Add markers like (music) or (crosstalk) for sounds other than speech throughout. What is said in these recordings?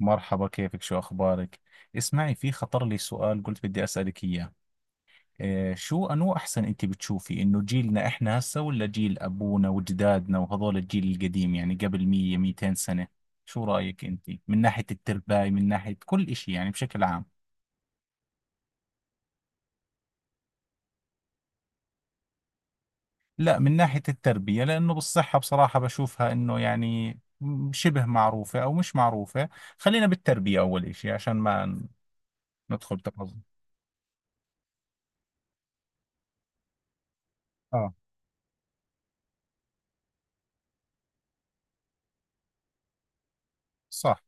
مرحبا، كيفك، شو أخبارك؟ اسمعي، في خطر لي سؤال قلت بدي أسألك إياه. إيه، شو أنو أحسن، أنت بتشوفي إنه جيلنا إحنا هسا ولا جيل أبونا وجدادنا وهذول الجيل القديم، يعني قبل 100 200 سنة؟ شو رأيك أنت من ناحية التربية، من ناحية كل إشي يعني بشكل عام؟ لا، من ناحية التربية، لأنه بالصحة بصراحة بشوفها إنه يعني شبه معروفة أو مش معروفة. خلينا بالتربية أول إشي عشان ما ندخل تفاصيل. آه، صح.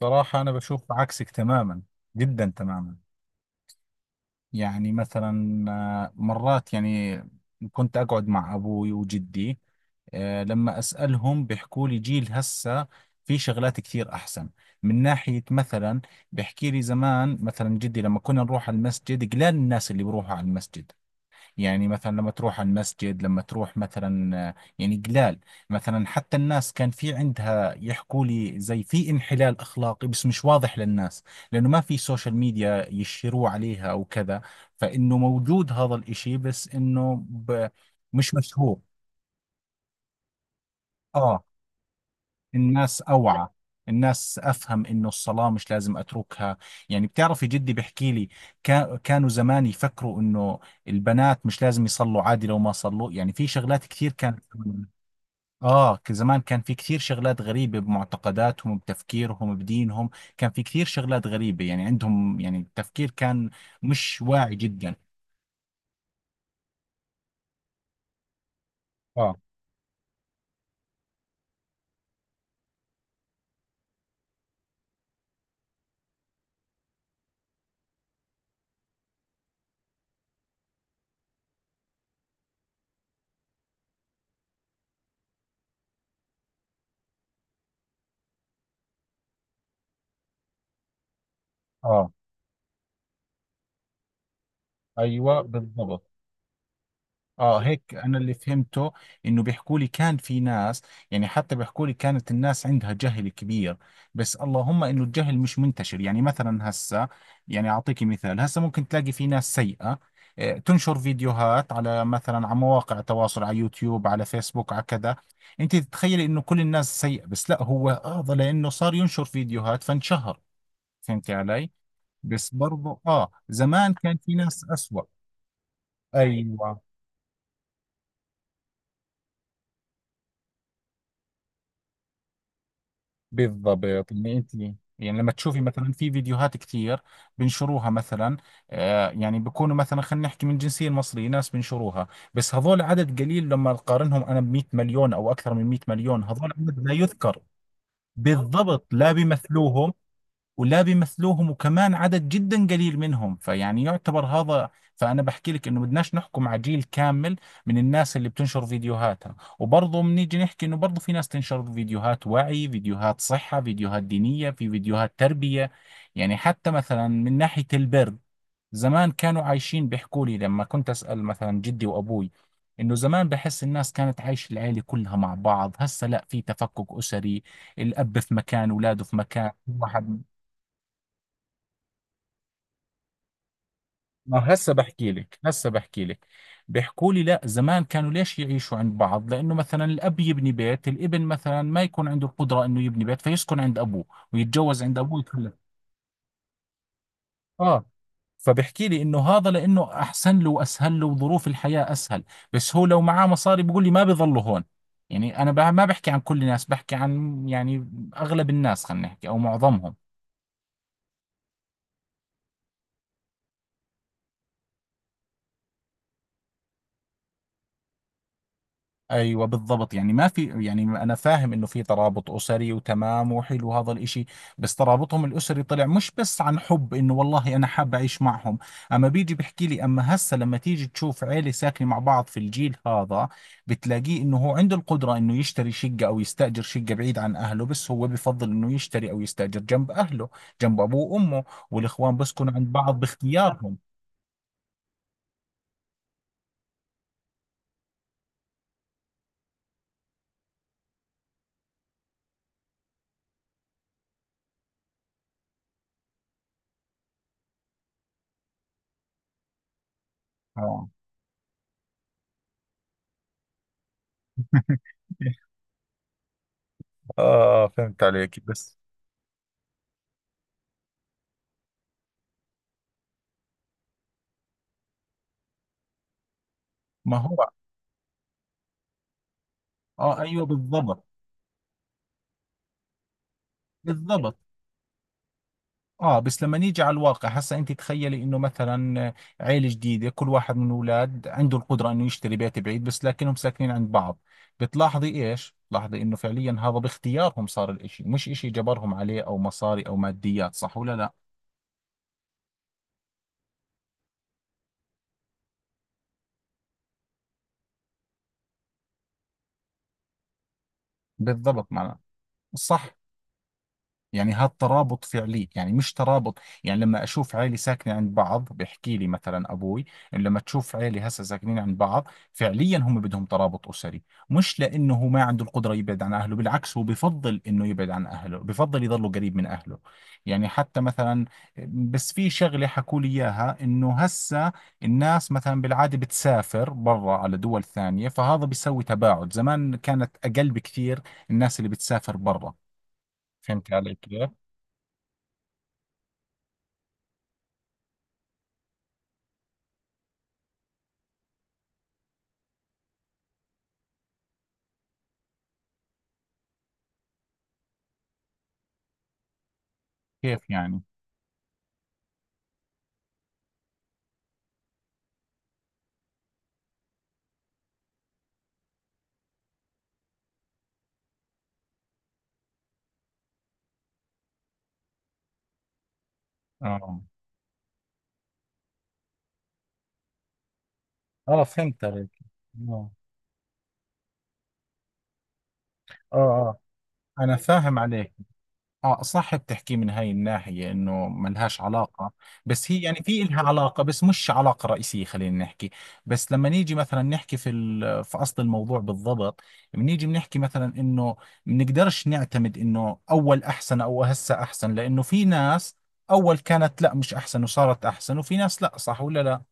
صراحة أنا بشوف عكسك تماما، جدا تماما. يعني مثلا مرات يعني كنت أقعد مع أبوي وجدي. لما أسألهم بيحكوا لي جيل هسه في شغلات كثير أحسن. من ناحية مثلا بيحكي لي زمان، مثلا جدي لما كنا نروح على المسجد قلال الناس اللي بيروحوا على المسجد. يعني مثلا لما تروح على المسجد، لما تروح مثلا، يعني قلال. مثلا حتى الناس كان في عندها، يحكوا لي زي في انحلال أخلاقي بس مش واضح للناس لأنه ما في سوشيال ميديا يشيروا عليها أو كذا. فإنه موجود هذا الإشي بس إنه مش مشهور. آه، الناس أوعى، الناس أفهم إنه الصلاة مش لازم أتركها. يعني بتعرفي جدي بحكي لي كانوا زمان يفكروا إنه البنات مش لازم يصلوا، عادي لو ما صلوا. يعني في شغلات كثير كانت (clears throat) آه، زمان كان في كثير شغلات غريبة بمعتقداتهم، بتفكيرهم، بدينهم. كان في كثير شغلات غريبة يعني عندهم، يعني التفكير كان مش واعي جدا. آه. آه، أيوة بالضبط. اه، هيك انا اللي فهمته. انه بيحكوا لي كان في ناس، يعني حتى بيحكوا لي كانت الناس عندها جهل كبير، بس اللهم انه الجهل مش منتشر. يعني مثلا هسه، يعني اعطيك مثال، هسه ممكن تلاقي في ناس سيئة، تنشر فيديوهات على، مثلا، على مواقع تواصل، على يوتيوب، على فيسبوك، على كذا. انت تتخيلي انه كل الناس سيئة، بس لا، هو هذا لانه صار ينشر فيديوهات فانشهر. فهمتي علي؟ بس برضو اه زمان كان في ناس اسوأ. ايوه بالضبط. ان انت يعني لما تشوفي مثلا في فيديوهات كثير بنشروها مثلا، آه، يعني بكونوا مثلا، خلينا نحكي، من الجنسيه المصريه، ناس بنشروها، بس هذول عدد قليل لما نقارنهم انا ب 100 مليون او اكثر من 100 مليون، هذول عدد لا يذكر. بالضبط، لا بيمثلوهم، ولا بيمثلوهم، وكمان عدد جدا قليل منهم، فيعني يعتبر هذا. فأنا بحكي لك إنه بدناش نحكم على جيل كامل من الناس اللي بتنشر فيديوهاتها. وبرضه بنيجي نحكي إنه برضه في ناس تنشر فيديوهات وعي، فيديوهات صحة، فيديوهات دينية، في فيديوهات تربية. يعني حتى مثلا من ناحية البر، زمان كانوا عايشين، بيحكوا لي لما كنت أسأل مثلا جدي وأبوي إنه زمان بحس الناس كانت عايشة العيلة كلها مع بعض. هسه لا، في تفكك أسري، الأب في مكان، أولاده في مكان واحد. ما هسه بحكي لك، هسه بحكي لك. بيحكوا لي لا، زمان كانوا ليش يعيشوا عند بعض؟ لانه مثلا الاب يبني بيت، الابن مثلا ما يكون عنده القدره انه يبني بيت فيسكن عند ابوه ويتجوز عند ابوه يتخلف. اه، فبحكي لي انه هذا لانه احسن له واسهل له وظروف الحياه اسهل. بس هو لو معاه مصاري بيقول لي ما بيظلوا هون. يعني انا ما بحكي عن كل الناس، بحكي عن يعني اغلب الناس، خلينا نحكي، او معظمهم. ايوه بالضبط. يعني ما في، يعني انا فاهم انه في ترابط اسري وتمام وحلو هذا الاشي، بس ترابطهم الاسري طلع مش بس عن حب انه والله انا حاب اعيش معهم. اما بيجي بحكي لي، اما هسه لما تيجي تشوف عيلة ساكنة مع بعض في الجيل هذا، بتلاقيه انه هو عنده القدرة انه يشتري شقة او يستأجر شقة بعيد عن اهله، بس هو بفضل انه يشتري او يستأجر جنب اهله، جنب ابوه وامه. والاخوان بسكنوا عند بعض باختيارهم. اه، اه، عليك بس. ما هو، اه ايوه بالضبط، بالضبط. اه، بس لما نيجي على الواقع هسا، انت تخيلي انه مثلا، عيلة جديدة، كل واحد من الاولاد عنده القدرة انه يشتري بيت بعيد، بس لكنهم ساكنين عند بعض. بتلاحظي ايش؟ بتلاحظي انه فعليا هذا باختيارهم صار الاشي، مش اشي جبرهم عليه او مصاري او ماديات، صح ولا لا؟ بالضبط معنا. صح، يعني هذا ترابط فعلي، يعني مش ترابط. يعني لما أشوف عيلة ساكنة عند بعض بحكي لي مثلا أبوي إنه لما تشوف عيلة هسه ساكنين عند بعض فعليا هم بدهم ترابط أسري، مش لأنه هو ما عنده القدرة يبعد عن أهله. بالعكس، هو بفضل إنه يبعد عن أهله، بفضل يضله قريب من أهله. يعني حتى مثلا، بس في شغلة حكوا لي إياها إنه هسه الناس مثلا بالعادة بتسافر برا على دول ثانية، فهذا بيسوي تباعد. زمان كانت أقل بكثير الناس اللي بتسافر برا. فهمت علي كيف؟ كيف يعني؟ اه، اه، فهمت عليك. اه، اه، اه انا فاهم عليك. اه صح، بتحكي من هاي الناحية انه ما لهاش علاقة. بس هي يعني في لها علاقة، بس مش علاقة رئيسية، خلينا نحكي. بس لما نيجي مثلا نحكي في في اصل الموضوع بالضبط، بنيجي بنحكي مثلا انه بنقدرش نعتمد انه اول احسن او هسه احسن، لانه في ناس اول كانت لا مش احسن وصارت احسن، وفي ناس لا، صح ولا لا؟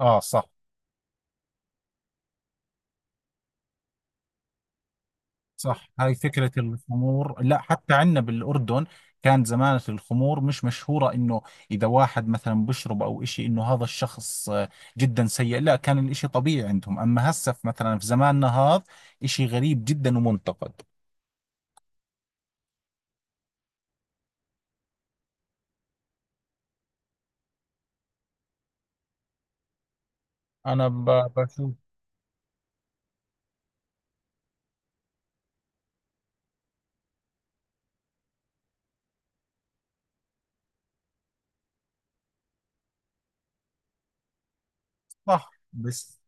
اه صح. صح، هاي فكرة الخمور لا حتى عندنا بالأردن كانت زمان الخمور مش مشهورة، إنه إذا واحد مثلا بشرب أو إشي إنه هذا الشخص جدا سيء. لا، كان الإشي طبيعي عندهم. أما هسه مثلا في زماننا هذا إشي غريب جدا ومنتقد. أنا بشوف. صح بس،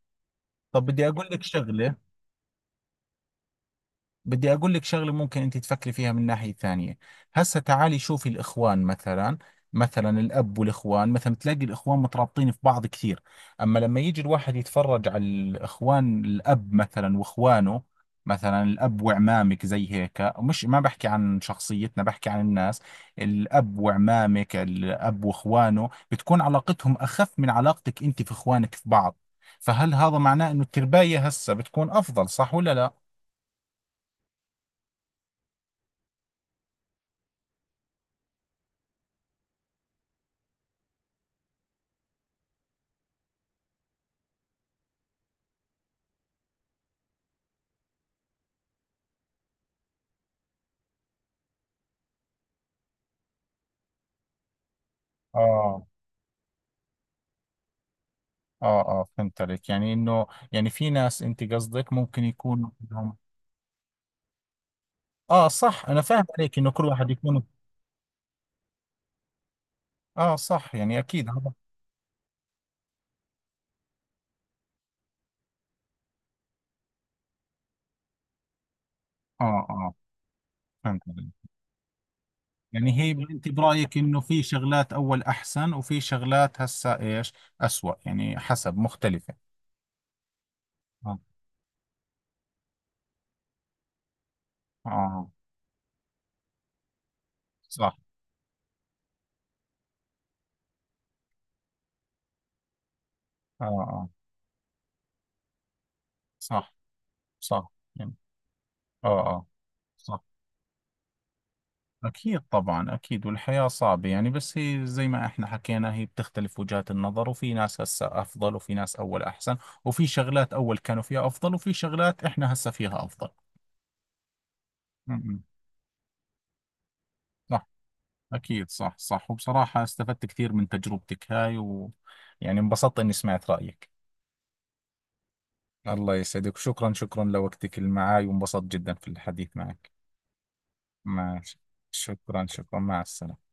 طب بدي أقول لك شغلة، بدي أقول لك شغلة ممكن أنت تفكري فيها من ناحية ثانية. هسا تعالي شوفي الإخوان مثلا، مثلا الأب والإخوان مثلا، تلاقي الإخوان مترابطين في بعض كثير. أما لما يجي الواحد يتفرج على الإخوان، الأب مثلا وإخوانه، مثلا الأب وعمامك زي هيك، مش ما بحكي عن شخصيتنا بحكي عن الناس، الأب وعمامك، الأب وإخوانه، بتكون علاقتهم أخف من علاقتك أنت في إخوانك في بعض. فهل هذا معناه إنه الترباية هسا بتكون أفضل، صح ولا لا؟ آه، اه اه فهمت عليك، يعني انه، يعني في ناس انت قصدك ممكن يكون لهم. اه صح انا فاهم عليك انه كل واحد يكون. اه صح، يعني اكيد هذا. اه اه فهمت عليك. يعني هي انت برايك انه في شغلات اول احسن وفي شغلات هسه ايش، اسوأ، يعني حسب مختلفة. اه، اه، صح. اه، اه، صح صح يعني. اه، اه، صح. أكيد طبعا، أكيد، والحياة صعبة يعني. بس هي زي ما إحنا حكينا، هي بتختلف وجهات النظر، وفي ناس هسا أفضل وفي ناس أول أحسن، وفي شغلات أول كانوا فيها أفضل وفي شغلات إحنا هسا فيها أفضل. م. صح، أكيد صح صح. وبصراحة استفدت كثير من تجربتك هاي ويعني انبسطت إني سمعت رأيك. الله يسعدك، وشكرا، شكرا لوقتك اللي معاي، وانبسطت جدا في الحديث معك. ماشي، شكرا شكرا، مع السلامة.